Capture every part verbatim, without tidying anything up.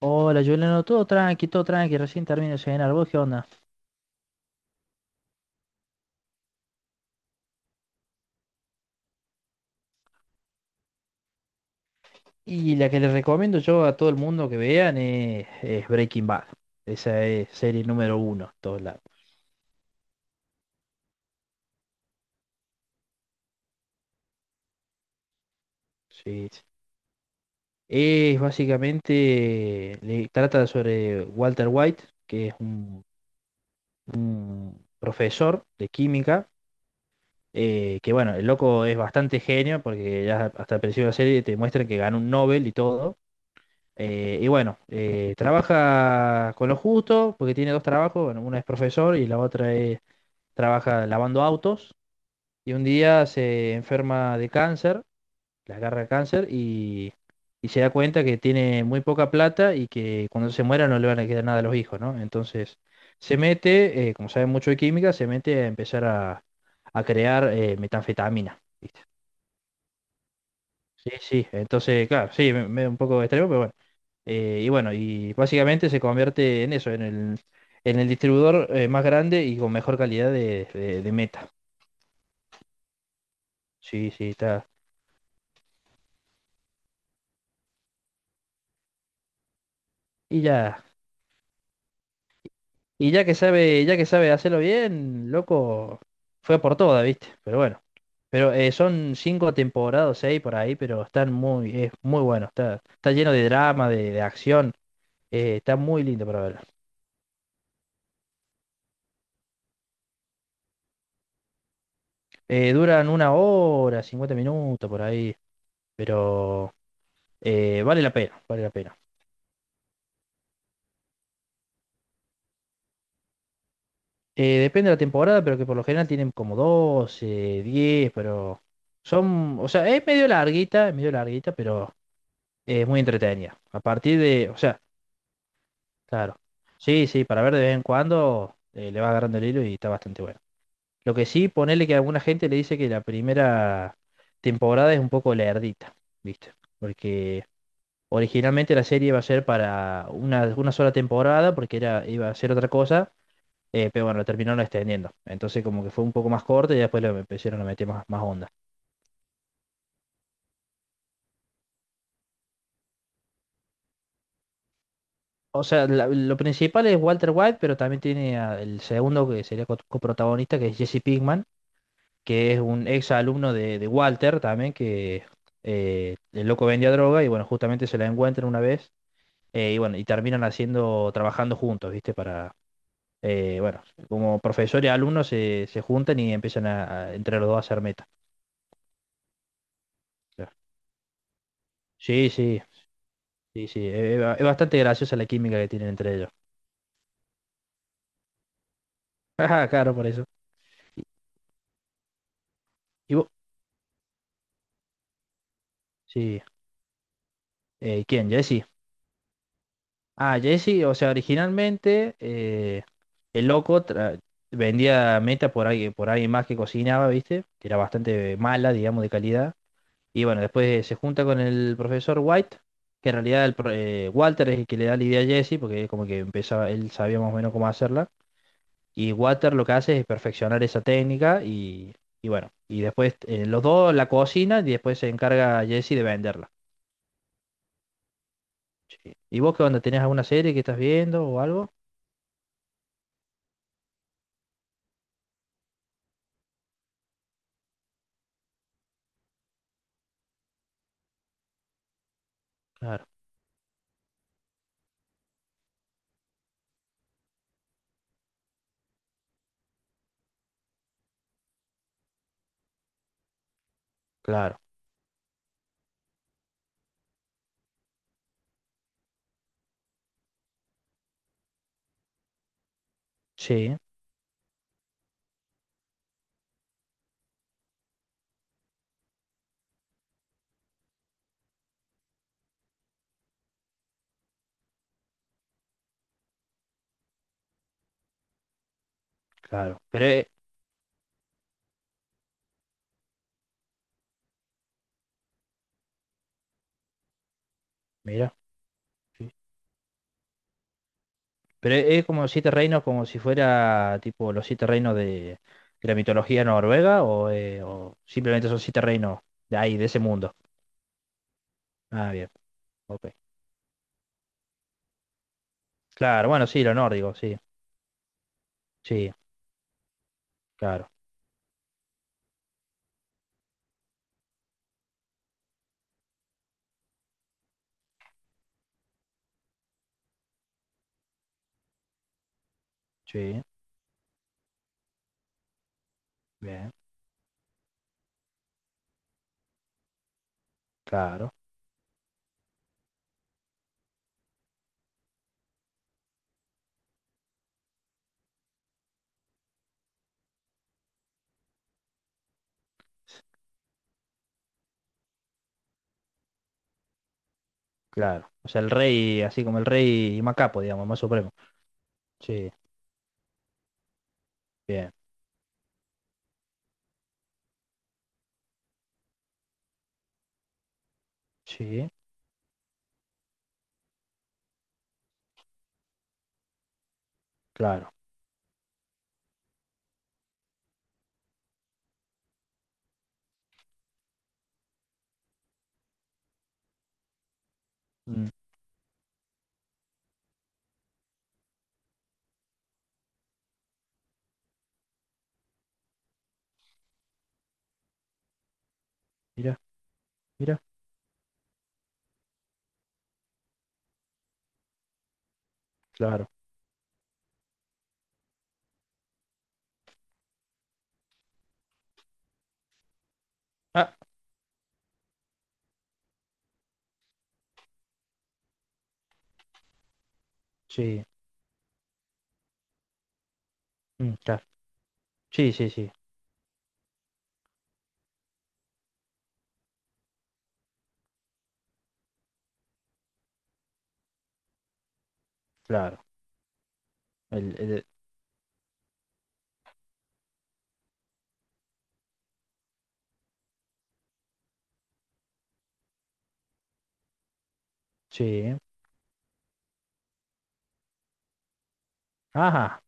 Hola, Juliano, todo tranqui, todo tranqui, recién termino de cenar, ¿vos qué onda? Y la que les recomiendo yo a todo el mundo que vean es, es Breaking Bad. Esa es serie número uno, en todos lados. Sí, sí. Es básicamente, le trata sobre Walter White, que es un, un profesor de química, eh, que bueno, el loco es bastante genio, porque ya hasta el principio de la serie te muestran que ganó un Nobel y todo. Eh, y bueno, eh, trabaja con lo justo, porque tiene dos trabajos, bueno, uno es profesor y la otra es, trabaja lavando autos. Y un día se enferma de cáncer, le agarra cáncer y, y se da cuenta que tiene muy poca plata y que cuando se muera no le van a quedar nada a los hijos, ¿no? Entonces se mete, eh, como sabe mucho de química, se mete a empezar a, a crear eh, metanfetamina. ¿Viste? Sí, sí, entonces, claro, sí, me, me- un poco extremo, pero bueno. Eh, y bueno, y básicamente se convierte en eso, en el, en el distribuidor eh, más grande y con mejor calidad de, de- de meta. Sí, sí, está. Y ya, y ya que sabe, ya que sabe hacerlo bien, loco, fue por toda, ¿viste? Pero bueno, pero eh, son cinco temporadas, seis por ahí, pero están muy, es muy bueno, está, está lleno de drama, de, de acción, eh, está muy lindo para verlo. Eh, duran una hora, cincuenta minutos por ahí. Pero Eh, vale la pena, vale la pena. Eh, depende de la temporada, pero que por lo general tienen como doce, diez, pero son, o sea, es medio larguita, es medio larguita, pero es muy entretenida. A partir de, o sea, claro. Sí, sí, para ver de vez en cuando eh, le va agarrando el hilo y está bastante bueno. Lo que sí, ponerle que alguna gente le dice que la primera temporada es un poco lerdita, ¿viste? Porque originalmente la serie iba a ser para una, una sola temporada, porque era, iba a ser otra cosa. Eh, pero bueno, lo terminaron extendiendo. Entonces como que fue un poco más corto y después lo empezaron a meter más, más onda. O sea, la- lo principal es Walter White, pero también tiene a- el segundo que sería co- coprotagonista, que es Jesse Pinkman, que es un ex alumno de, de Walter también, que eh, el loco vendía droga y bueno, justamente se la encuentran una vez, eh, y bueno, y terminan haciendo, trabajando juntos, ¿viste? Para, eh, bueno, como profesor y alumno se, se juntan y empiezan a, a- entre los dos a hacer meta. O sea, sí, sí. Sí, sí, eh, eh, ba- es bastante graciosa la química que tienen entre ellos. Ajá, claro, por eso. ¿Y vos? Sí. Eh, ¿quién? Jesse. Ah, Jesse, o sea, originalmente eh, el loco tra- vendía meta por alguien, por alguien más que cocinaba, ¿viste? Que era bastante mala, digamos, de calidad. Y bueno, después se junta con el profesor White, que en realidad el pro- eh, Walter es el que le da la idea a Jesse, porque como que empezaba, él sabía más o menos cómo hacerla. Y Water lo que hace es perfeccionar esa técnica y, y bueno, y después eh, los dos la cocinan y después se encarga Jesse de venderla. Sí. ¿Y vos qué onda? ¿Tenés alguna serie que estás viendo o algo? Claro, claro, sí, claro. Pero eh, mira, sí. Pero e, es como siete reinos, como si fuera tipo los siete reinos de, de la mitología noruega o, eh, o simplemente son siete reinos de ahí, de ese mundo. Ah, bien, ok. Claro, bueno, sí, lo nórdico, sí, sí, claro, sí, bien, claro. Claro. O sea, el rey, así como el rey Macapo, digamos, más supremo. Sí, bien. Sí, claro. Mm, mira, mira, claro. Ah, sí, mm, claro. Sí, sí, sí, claro. El, el- sí. Ajá,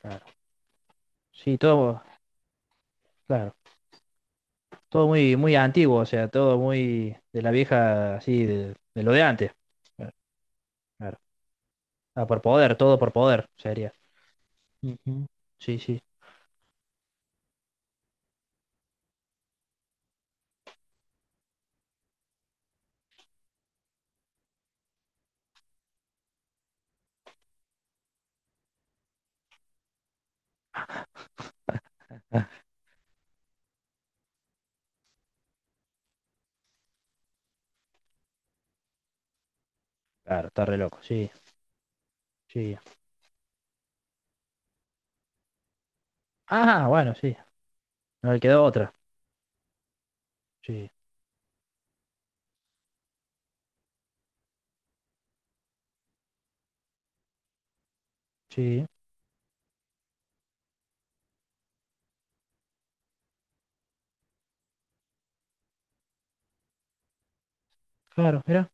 claro. Sí, todo, claro. Todo muy, muy antiguo, o sea, todo muy de la vieja, así, de, de lo de antes. Claro, claro. Ah, por poder, todo por poder, sería. Ujú. Sí, sí. Claro, está re loco, sí, sí. Ah, bueno, sí. No le quedó otra. Sí, sí. Claro, mira.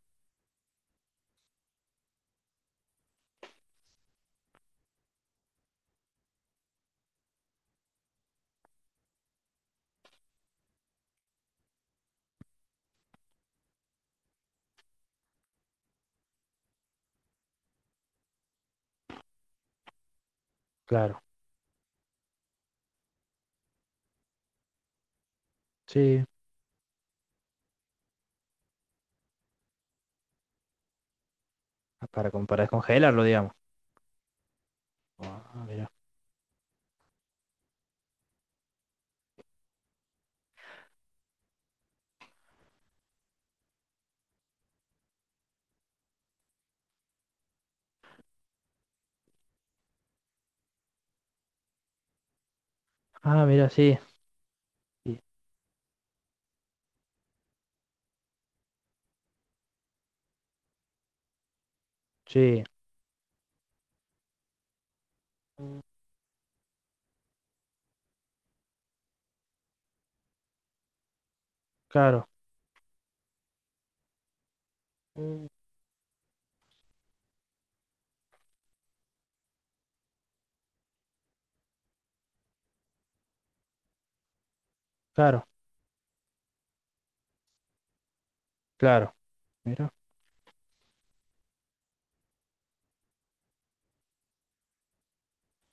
Claro, sí. Ah, para, com- para descongelarlo, digamos. Ah, mira. Ah, mira, sí. Sí, sí. Claro, claro, claro. Mira.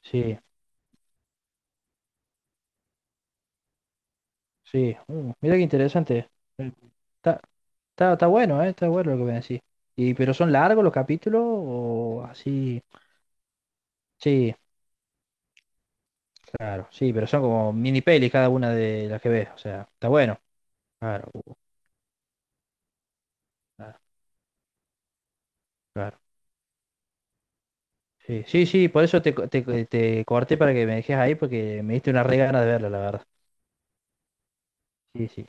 Sí, sí. Uh, mira qué interesante. Eh, Está, está, está bueno, ¿eh? Está bueno lo que me decís. Y, pero son largos los capítulos o así. Sí, claro, sí, pero son como mini pelis cada una de las que ves. O sea, está bueno. Claro, uh, claro, claro. Sí, sí, sí, por eso te, co- te, co- te corté para que me dejes ahí porque me diste una re gana de verla, la verdad. Sí, sí,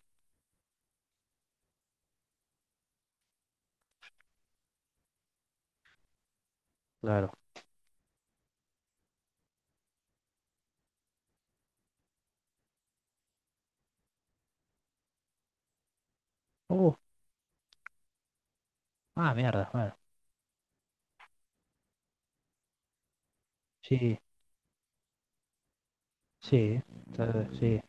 claro. Uh, ah, mierda, bueno. Sí, sí, está- sí,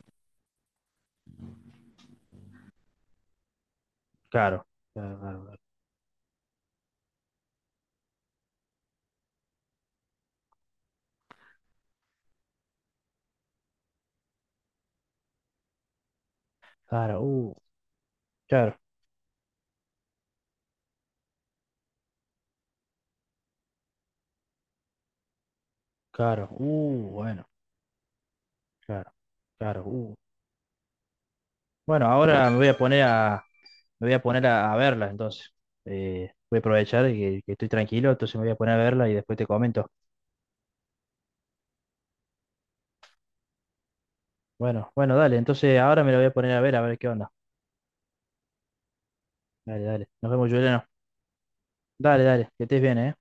claro. Claro, claro, claro. Claro, uh, claro, claro, uh, bueno, claro, claro, uh. Bueno, ahora me voy a poner a, me voy a poner a, a verla, entonces. Eh, voy a aprovechar que, que estoy tranquilo, entonces me voy a poner a verla y después te comento. Bueno, bueno, dale, entonces ahora me la voy a poner a ver, a ver qué onda. Dale, dale. Nos vemos, Juliano. Dale, dale, que estés bien, ¿eh?